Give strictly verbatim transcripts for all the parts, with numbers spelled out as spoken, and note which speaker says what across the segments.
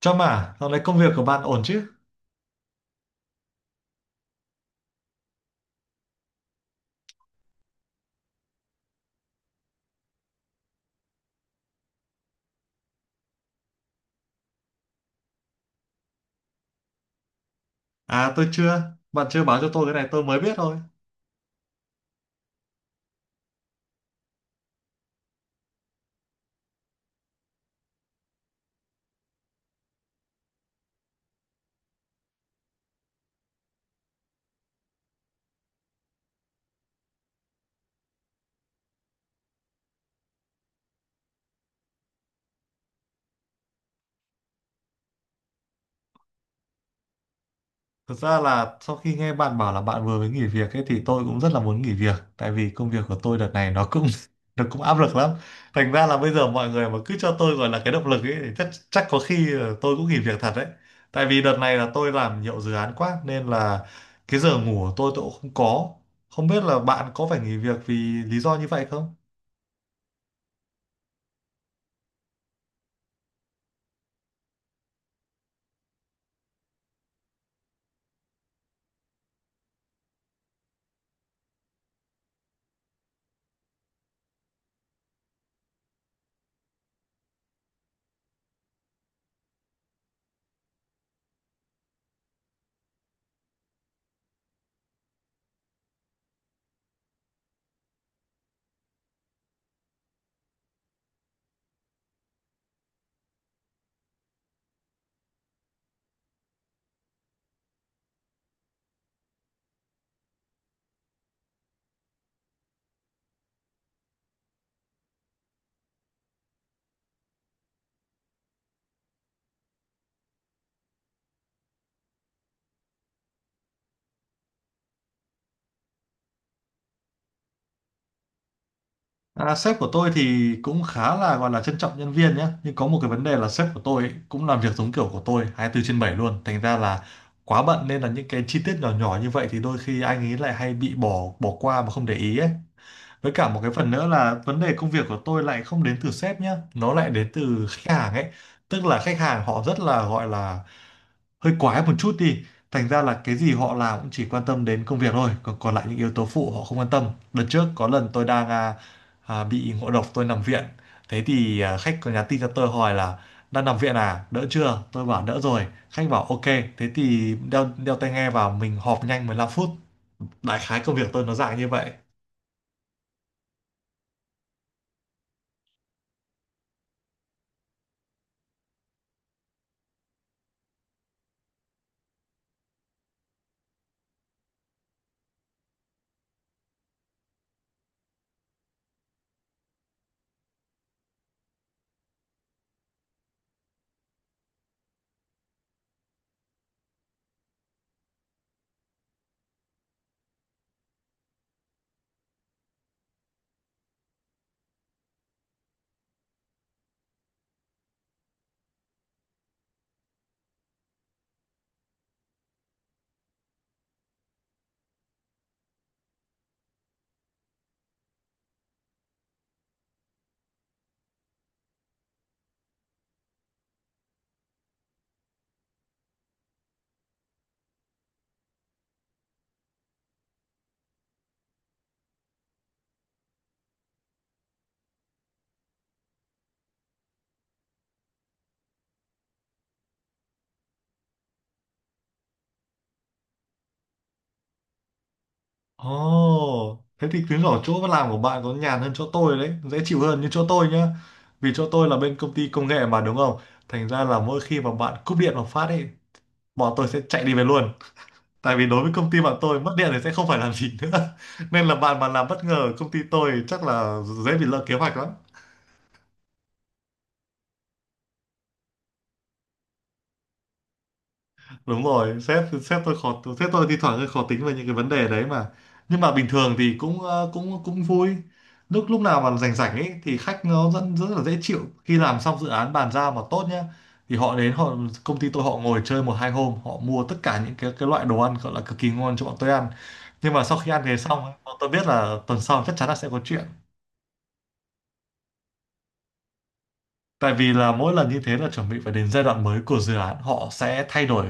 Speaker 1: Trâm à, dạo này công việc của bạn ổn chứ? À tôi chưa, bạn chưa báo cho tôi cái này tôi mới biết thôi. Thực ra là sau khi nghe bạn bảo là bạn vừa mới nghỉ việc ấy thì tôi cũng rất là muốn nghỉ việc. Tại vì công việc của tôi đợt này nó cũng nó cũng áp lực lắm. Thành ra là bây giờ mọi người mà cứ cho tôi gọi là cái động lực ấy thì chắc, chắc có khi ờ, tôi cũng nghỉ việc thật đấy. Tại vì đợt này là tôi làm nhiều dự án quá nên là cái giờ ngủ của tôi tôi cũng không có. Không biết là bạn có phải nghỉ việc vì lý do như vậy không? À, sếp của tôi thì cũng khá là gọi là trân trọng nhân viên nhé, nhưng có một cái vấn đề là sếp của tôi ấy, cũng làm việc giống kiểu của tôi hai bốn trên bảy trên bảy luôn, thành ra là quá bận nên là những cái chi tiết nhỏ nhỏ như vậy thì đôi khi anh ấy lại hay bị bỏ bỏ qua mà không để ý ấy. Với cả một cái phần nữa là vấn đề công việc của tôi lại không đến từ sếp nhá, nó lại đến từ khách hàng ấy, tức là khách hàng họ rất là gọi là hơi quái một chút đi, thành ra là cái gì họ làm cũng chỉ quan tâm đến công việc thôi, còn còn lại những yếu tố phụ họ không quan tâm. Đợt trước có lần tôi đang à, à, bị ngộ độc tôi nằm viện, thế thì à, khách có nhắn tin cho tôi hỏi là đang nằm viện à đỡ chưa, tôi bảo đỡ rồi, khách bảo ok, thế thì đeo đeo tai nghe vào mình họp nhanh mười lăm phút. Đại khái công việc tôi nó dạng như vậy. Ồ, thế thì chứng tỏ chỗ làm của bạn có nhàn hơn chỗ tôi đấy, dễ chịu hơn như chỗ tôi nhá. Vì chỗ tôi là bên công ty công nghệ mà đúng không? Thành ra là mỗi khi mà bạn cúp điện một phát ấy, bọn tôi sẽ chạy đi về luôn. Tại vì đối với công ty bạn tôi mất điện thì sẽ không phải làm gì nữa. Nên là bạn mà làm bất ngờ ở công ty tôi chắc là dễ bị lỡ kế hoạch lắm. Đúng rồi, sếp sếp tôi khó, sếp tôi thi thoảng hơi khó tính về những cái vấn đề đấy mà, nhưng mà bình thường thì cũng ờ, cũng cũng vui. Lúc lúc nào mà rảnh rảnh ấy thì khách nó rất rất là dễ chịu, khi làm xong dự án bàn giao mà tốt nhá thì họ đến, họ công ty tôi họ ngồi chơi một hai hôm, họ mua tất cả những cái cái loại đồ ăn gọi là cực kỳ ngon cho bọn tôi ăn. Nhưng mà sau khi ăn về xong ấy, bọn tôi biết là tuần sau chắc chắn là sẽ có chuyện. Tại vì là mỗi lần như thế là chuẩn bị phải đến giai đoạn mới của dự án, họ sẽ thay đổi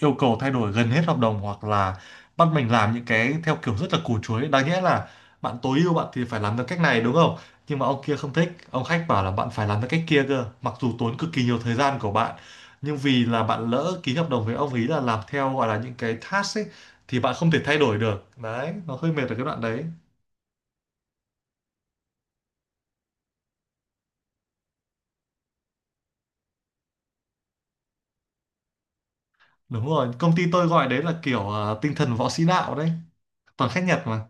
Speaker 1: yêu cầu, thay đổi gần hết hợp đồng, hoặc là bắt mình làm những cái theo kiểu rất là củ chuối. Đáng nhẽ là bạn tối ưu bạn thì phải làm theo cách này đúng không, nhưng mà ông kia không thích, ông khách bảo là bạn phải làm theo cách kia cơ, mặc dù tốn cực kỳ nhiều thời gian của bạn, nhưng vì là bạn lỡ ký hợp đồng với ông ý là làm theo gọi là những cái task ấy, thì bạn không thể thay đổi được đấy, nó hơi mệt ở cái đoạn đấy. Đúng rồi, công ty tôi gọi đấy là kiểu à, tinh thần võ sĩ đạo đấy, toàn khách Nhật mà.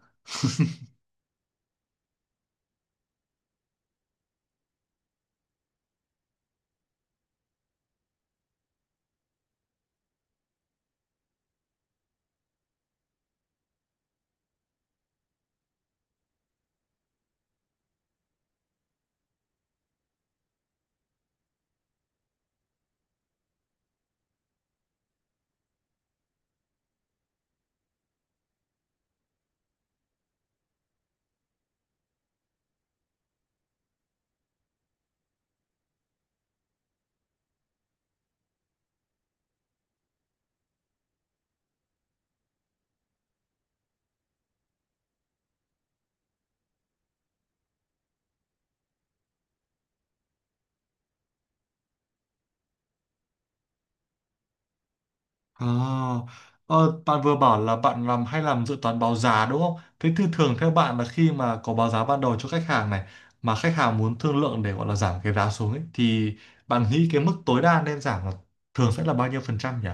Speaker 1: À, ờ, bạn vừa bảo là bạn làm hay làm dự toán báo giá đúng không? Thế thì thường theo bạn là khi mà có báo giá ban đầu cho khách hàng này mà khách hàng muốn thương lượng để gọi là giảm cái giá xuống ấy, thì bạn nghĩ cái mức tối đa nên giảm là thường sẽ là bao nhiêu phần trăm nhỉ?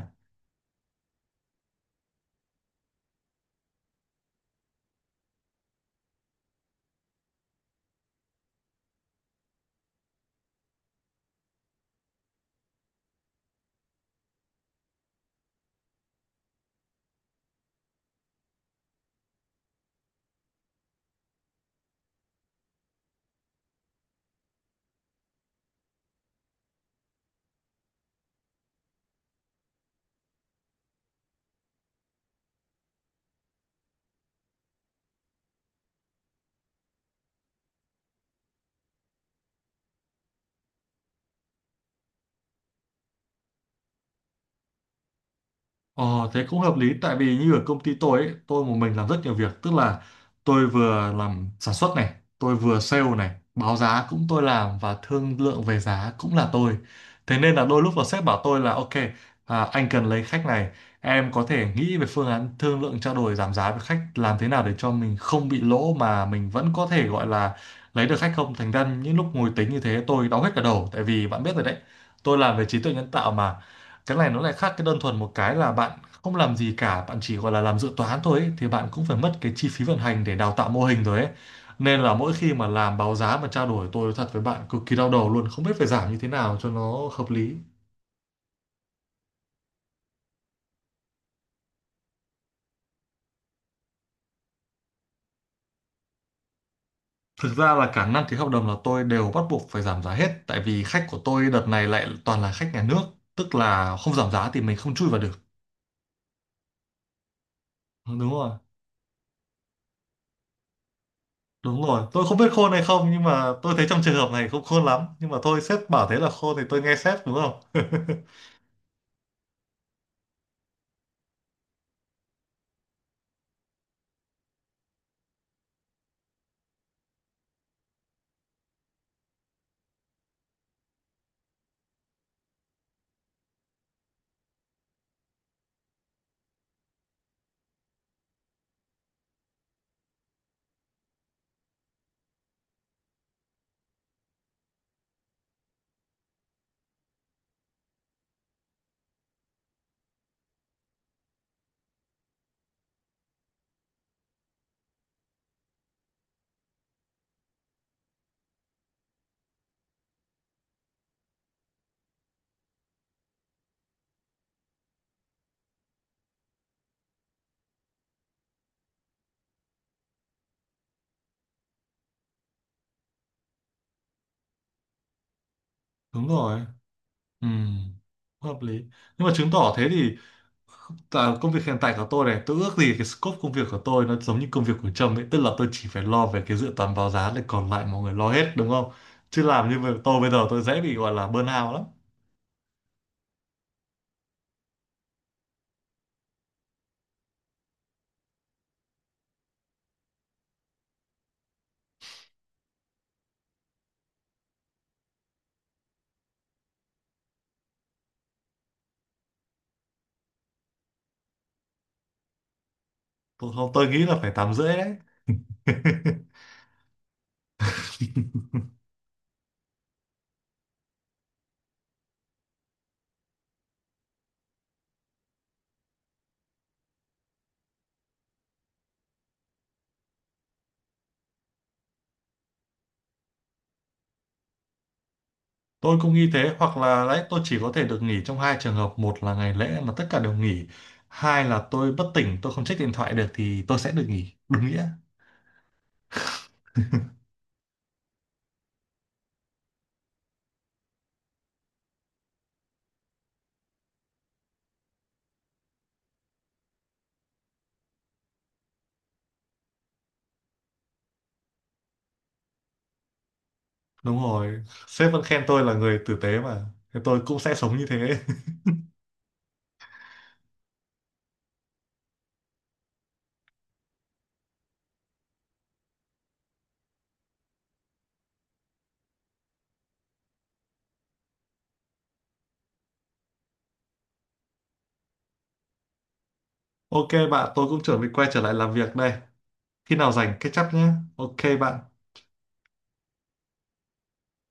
Speaker 1: Ờ, thế cũng hợp lý, tại vì như ở công ty tôi ấy, tôi một mình làm rất nhiều việc, tức là tôi vừa làm sản xuất này, tôi vừa sale này, báo giá cũng tôi làm, và thương lượng về giá cũng là tôi. Thế nên là đôi lúc là sếp bảo tôi là ok à, anh cần lấy khách này, em có thể nghĩ về phương án thương lượng trao đổi giảm giá với khách làm thế nào để cho mình không bị lỗ mà mình vẫn có thể gọi là lấy được khách không. Thành ra những lúc ngồi tính như thế tôi đau hết cả đầu, tại vì bạn biết rồi đấy, tôi làm về trí tuệ nhân tạo mà. Cái này nó lại khác cái đơn thuần, một cái là bạn không làm gì cả, bạn chỉ gọi là làm dự toán thôi ấy, thì bạn cũng phải mất cái chi phí vận hành để đào tạo mô hình rồi ấy. Nên là mỗi khi mà làm báo giá mà trao đổi tôi nói thật với bạn cực kỳ đau đầu luôn, không biết phải giảm như thế nào cho nó hợp lý. Thực ra là cả năm ký hợp đồng là tôi đều bắt buộc phải giảm giá hết, tại vì khách của tôi đợt này lại toàn là khách nhà nước, tức là không giảm giá thì mình không chui vào được. Ừ, đúng rồi. Đúng rồi, tôi không biết khôn hay không nhưng mà tôi thấy trong trường hợp này không khôn lắm, nhưng mà thôi sếp bảo thế là khôn thì tôi nghe sếp đúng không. Đúng rồi, ừ, hợp lý. Nhưng mà chứng tỏ thế thì, tại công việc hiện tại của tôi này, tôi ước gì cái scope công việc của tôi nó giống như công việc của Trâm ấy, tức là tôi chỉ phải lo về cái dự toán báo giá này còn lại mọi người lo hết đúng không. Chứ làm như vậy tôi bây giờ tôi dễ bị gọi là burnout lắm. Tôi không, tôi nghĩ là phải tám rưỡi đấy. Tôi cũng nghĩ thế, hoặc là đấy tôi chỉ có thể được nghỉ trong hai trường hợp: một là ngày lễ mà tất cả đều nghỉ, hai là tôi bất tỉnh tôi không check điện thoại được thì tôi sẽ được nghỉ đúng nghĩa. Đúng rồi, sếp vẫn khen tôi là người tử tế mà. Thế tôi cũng sẽ sống như thế. Ok bạn, tôi cũng chuẩn bị quay trở lại làm việc đây. Khi nào rảnh catch up nhé. Ok bạn.